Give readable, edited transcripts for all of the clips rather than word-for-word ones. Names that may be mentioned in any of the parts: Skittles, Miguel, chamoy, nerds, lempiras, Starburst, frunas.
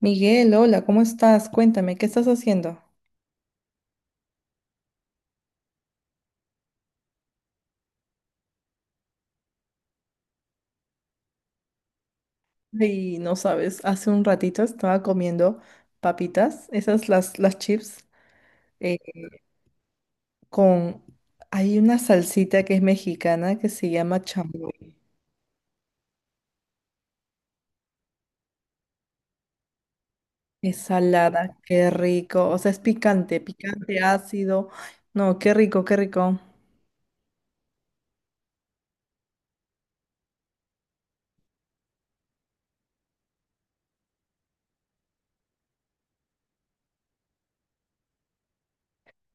Miguel, hola, ¿cómo estás? Cuéntame, ¿qué estás haciendo? Y no sabes, hace un ratito estaba comiendo papitas, esas las chips, eh, con... Hay una salsita que es mexicana que se llama chamoy. Es salada, qué rico. O sea, es picante, picante, ácido. No, qué rico, qué rico.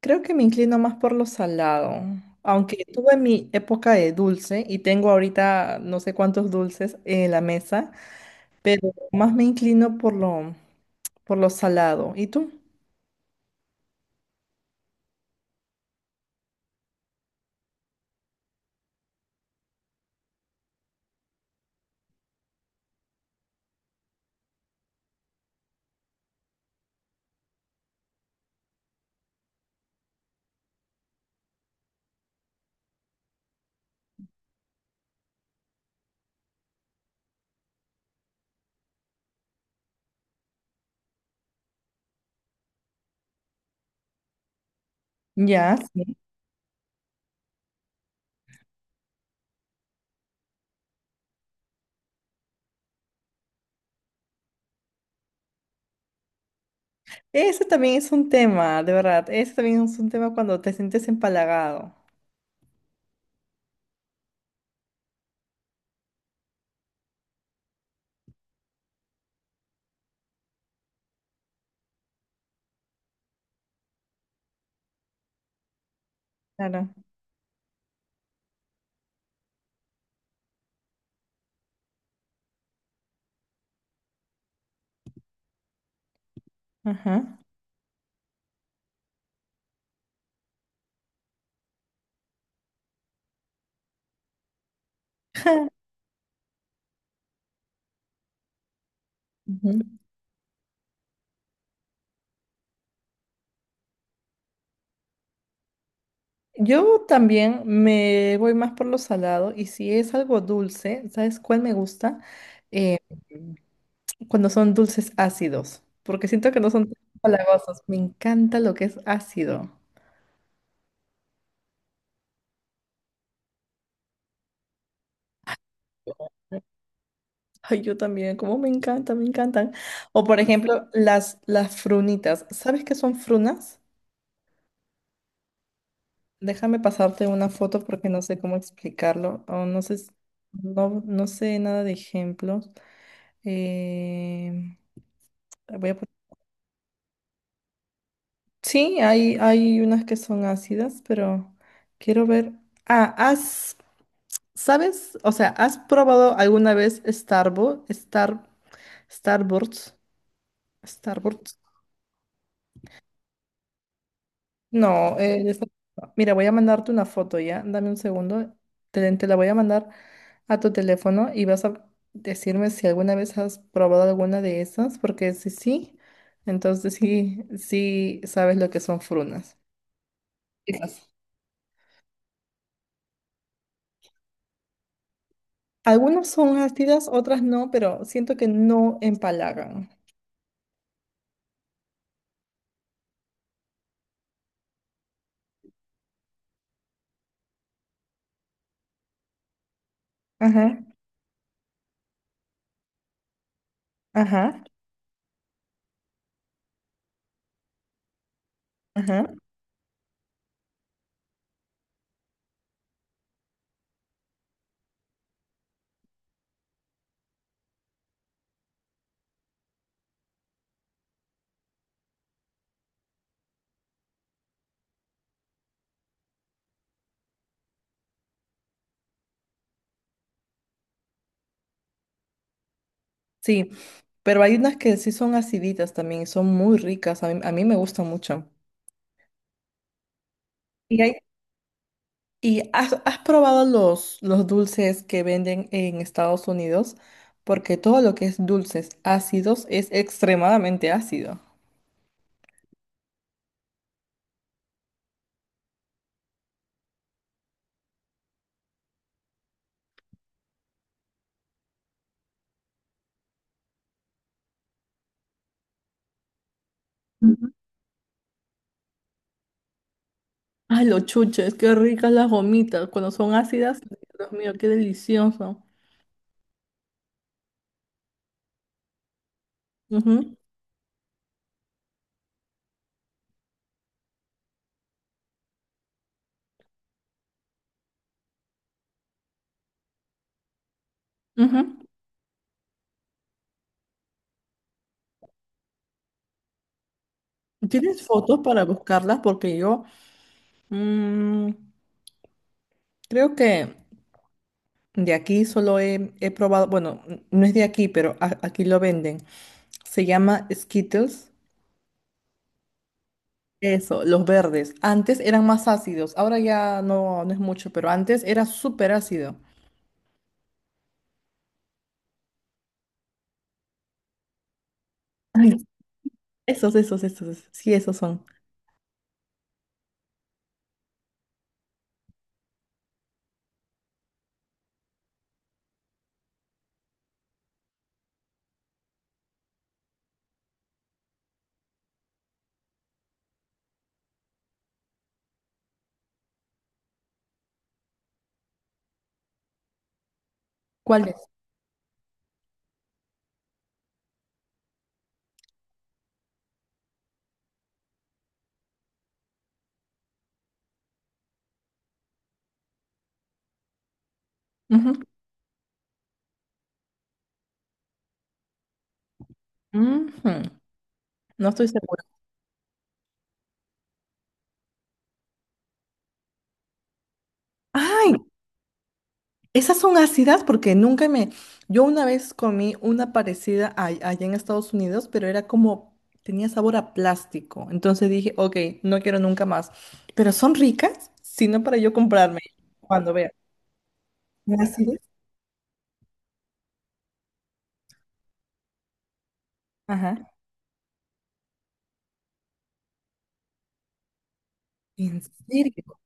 Creo que me inclino más por lo salado. Aunque tuve mi época de dulce y tengo ahorita no sé cuántos dulces en la mesa. Pero más me inclino por lo salado. ¿Y tú? Ya, sí. Ese también es un tema, de verdad. Ese también es un tema cuando te sientes empalagado. Claro. Ajá. Ujú. Yo también me voy más por lo salado y si es algo dulce, ¿sabes cuál me gusta? Mm. Cuando son dulces ácidos, porque siento que no son tan empalagosos. Me encanta lo que es ácido. Ay, yo también, como me encanta, me encantan. O por ejemplo, las frunitas. ¿Sabes qué son frunas? Déjame pasarte una foto porque no sé cómo explicarlo. O no sé, no, no sé nada de ejemplos. Eh, voy a pon- Sí, hay unas que son ácidas, pero quiero ver. Ah, ¿sabes? O sea, ¿has probado alguna vez Starburst? Starburst. No, mira, voy a mandarte una foto ya. Dame un segundo. Te la voy a mandar a tu teléfono y vas a decirme si alguna vez has probado alguna de esas, porque si sí, entonces sí, sí sabes lo que son frunas. Fijas. Algunas son ácidas, otras no, pero siento que no empalagan. Ajá, ajá, ajá. Sí, pero hay unas que sí son aciditas también y son muy ricas. A mí me gustan mucho. Y hay ¿Y has probado los dulces que venden en Estados Unidos? Porque todo lo que es dulces ácidos es extremadamente ácido. Ujú. Ay, los chuches, qué ricas las gomitas. Cuando son ácidas, Dios mío, qué delicioso. Ujú, ujú. ¿Tienes fotos para buscarlas? Porque yo mm, creo que de aquí solo he probado, bueno, no es de aquí, pero aquí lo venden. Se llama Skittles. Eso, los verdes. Antes eran más ácidos, ahora ya no, no es mucho, pero antes era súper ácido. Ay, esos, esos, esos, esos. Sí, esos son. ¿Cuáles? Ujú, ujú. No estoy segura. Ay, esas son ácidas porque nunca me. Yo una vez comí una parecida allá en Estados Unidos, pero era como. Tenía sabor a plástico. Entonces dije, ok, no quiero nunca más. Pero son ricas, sino para yo comprarme cuando vea. ¿Ácidas? Ajá. ¿En serio?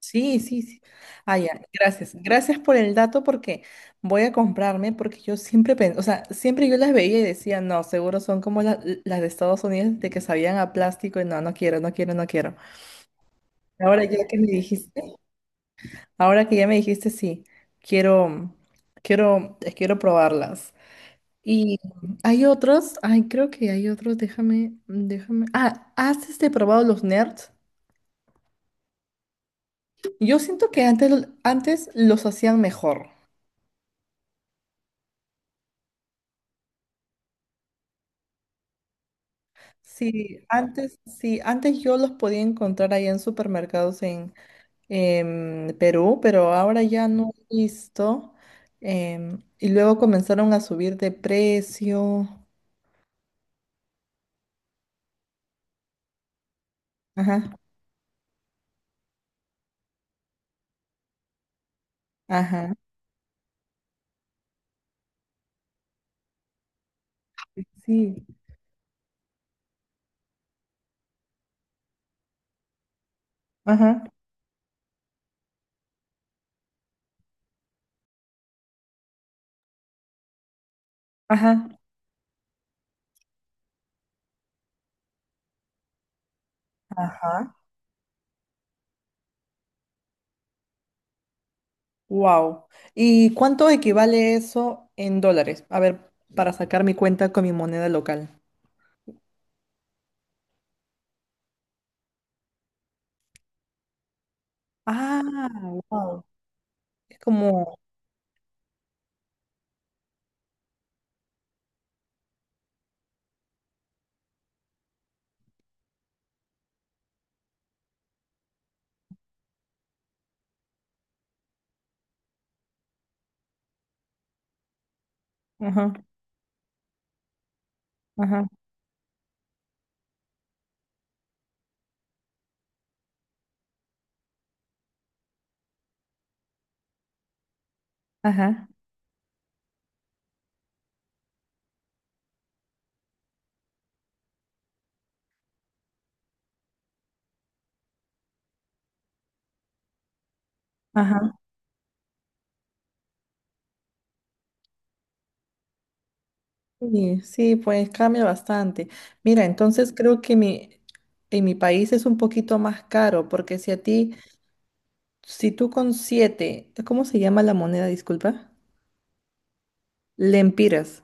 Sí, sí, sí. Ah, ya, gracias. Gracias por el dato porque voy a comprarme porque yo siempre pensé, o sea, siempre yo las veía y decía, no, seguro son como las de Estados Unidos de que sabían a plástico y no, no quiero, no quiero, no quiero. Ahora ya que me dijiste, ahora que ya me dijiste, sí, quiero, quiero probarlas. Y hay otros, ay, creo que hay otros, déjame. Ah, ¿has probado los nerds? Yo siento que antes los hacían mejor. Sí, antes yo los podía encontrar ahí en supermercados en Perú, pero ahora ya no he visto. Y luego comenzaron a subir de precio. Ajá, ajá, sí, ajá, ajá, ajá. Wow. ¿Y cuánto equivale eso en dólares? A ver, para sacar mi cuenta con mi moneda local. Ah, wow. Es como, ajá, ajá, ajá, ajá. Sí, sí, pues cambia bastante. Mira, entonces creo que en mi país es un poquito más caro, porque si tú con siete, ¿cómo se llama la moneda? Disculpa. Lempiras.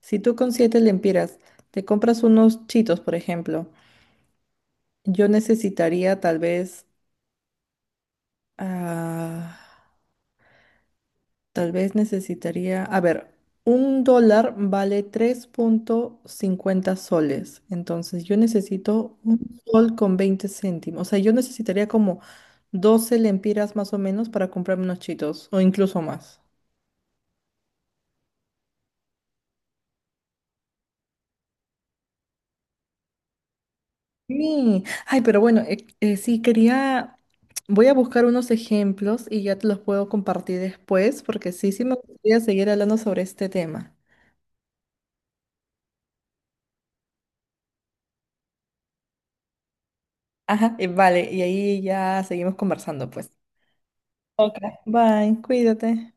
Si tú con 7 lempiras te compras unos chitos, por ejemplo, yo necesitaría tal vez ah, Tal vez necesitaría, a ver, 1 dólar vale 3.50 soles, entonces yo necesito 1 sol con 20 céntimos, o sea, yo necesitaría como 12 lempiras más o menos para comprarme unos chitos, o incluso más. Sí, ay, pero bueno, sí, quería, voy a buscar unos ejemplos y ya te los puedo compartir después, porque sí, sí me gustaría seguir hablando sobre este tema. Ajá, vale, y ahí ya seguimos conversando, pues. Ok, bye, cuídate.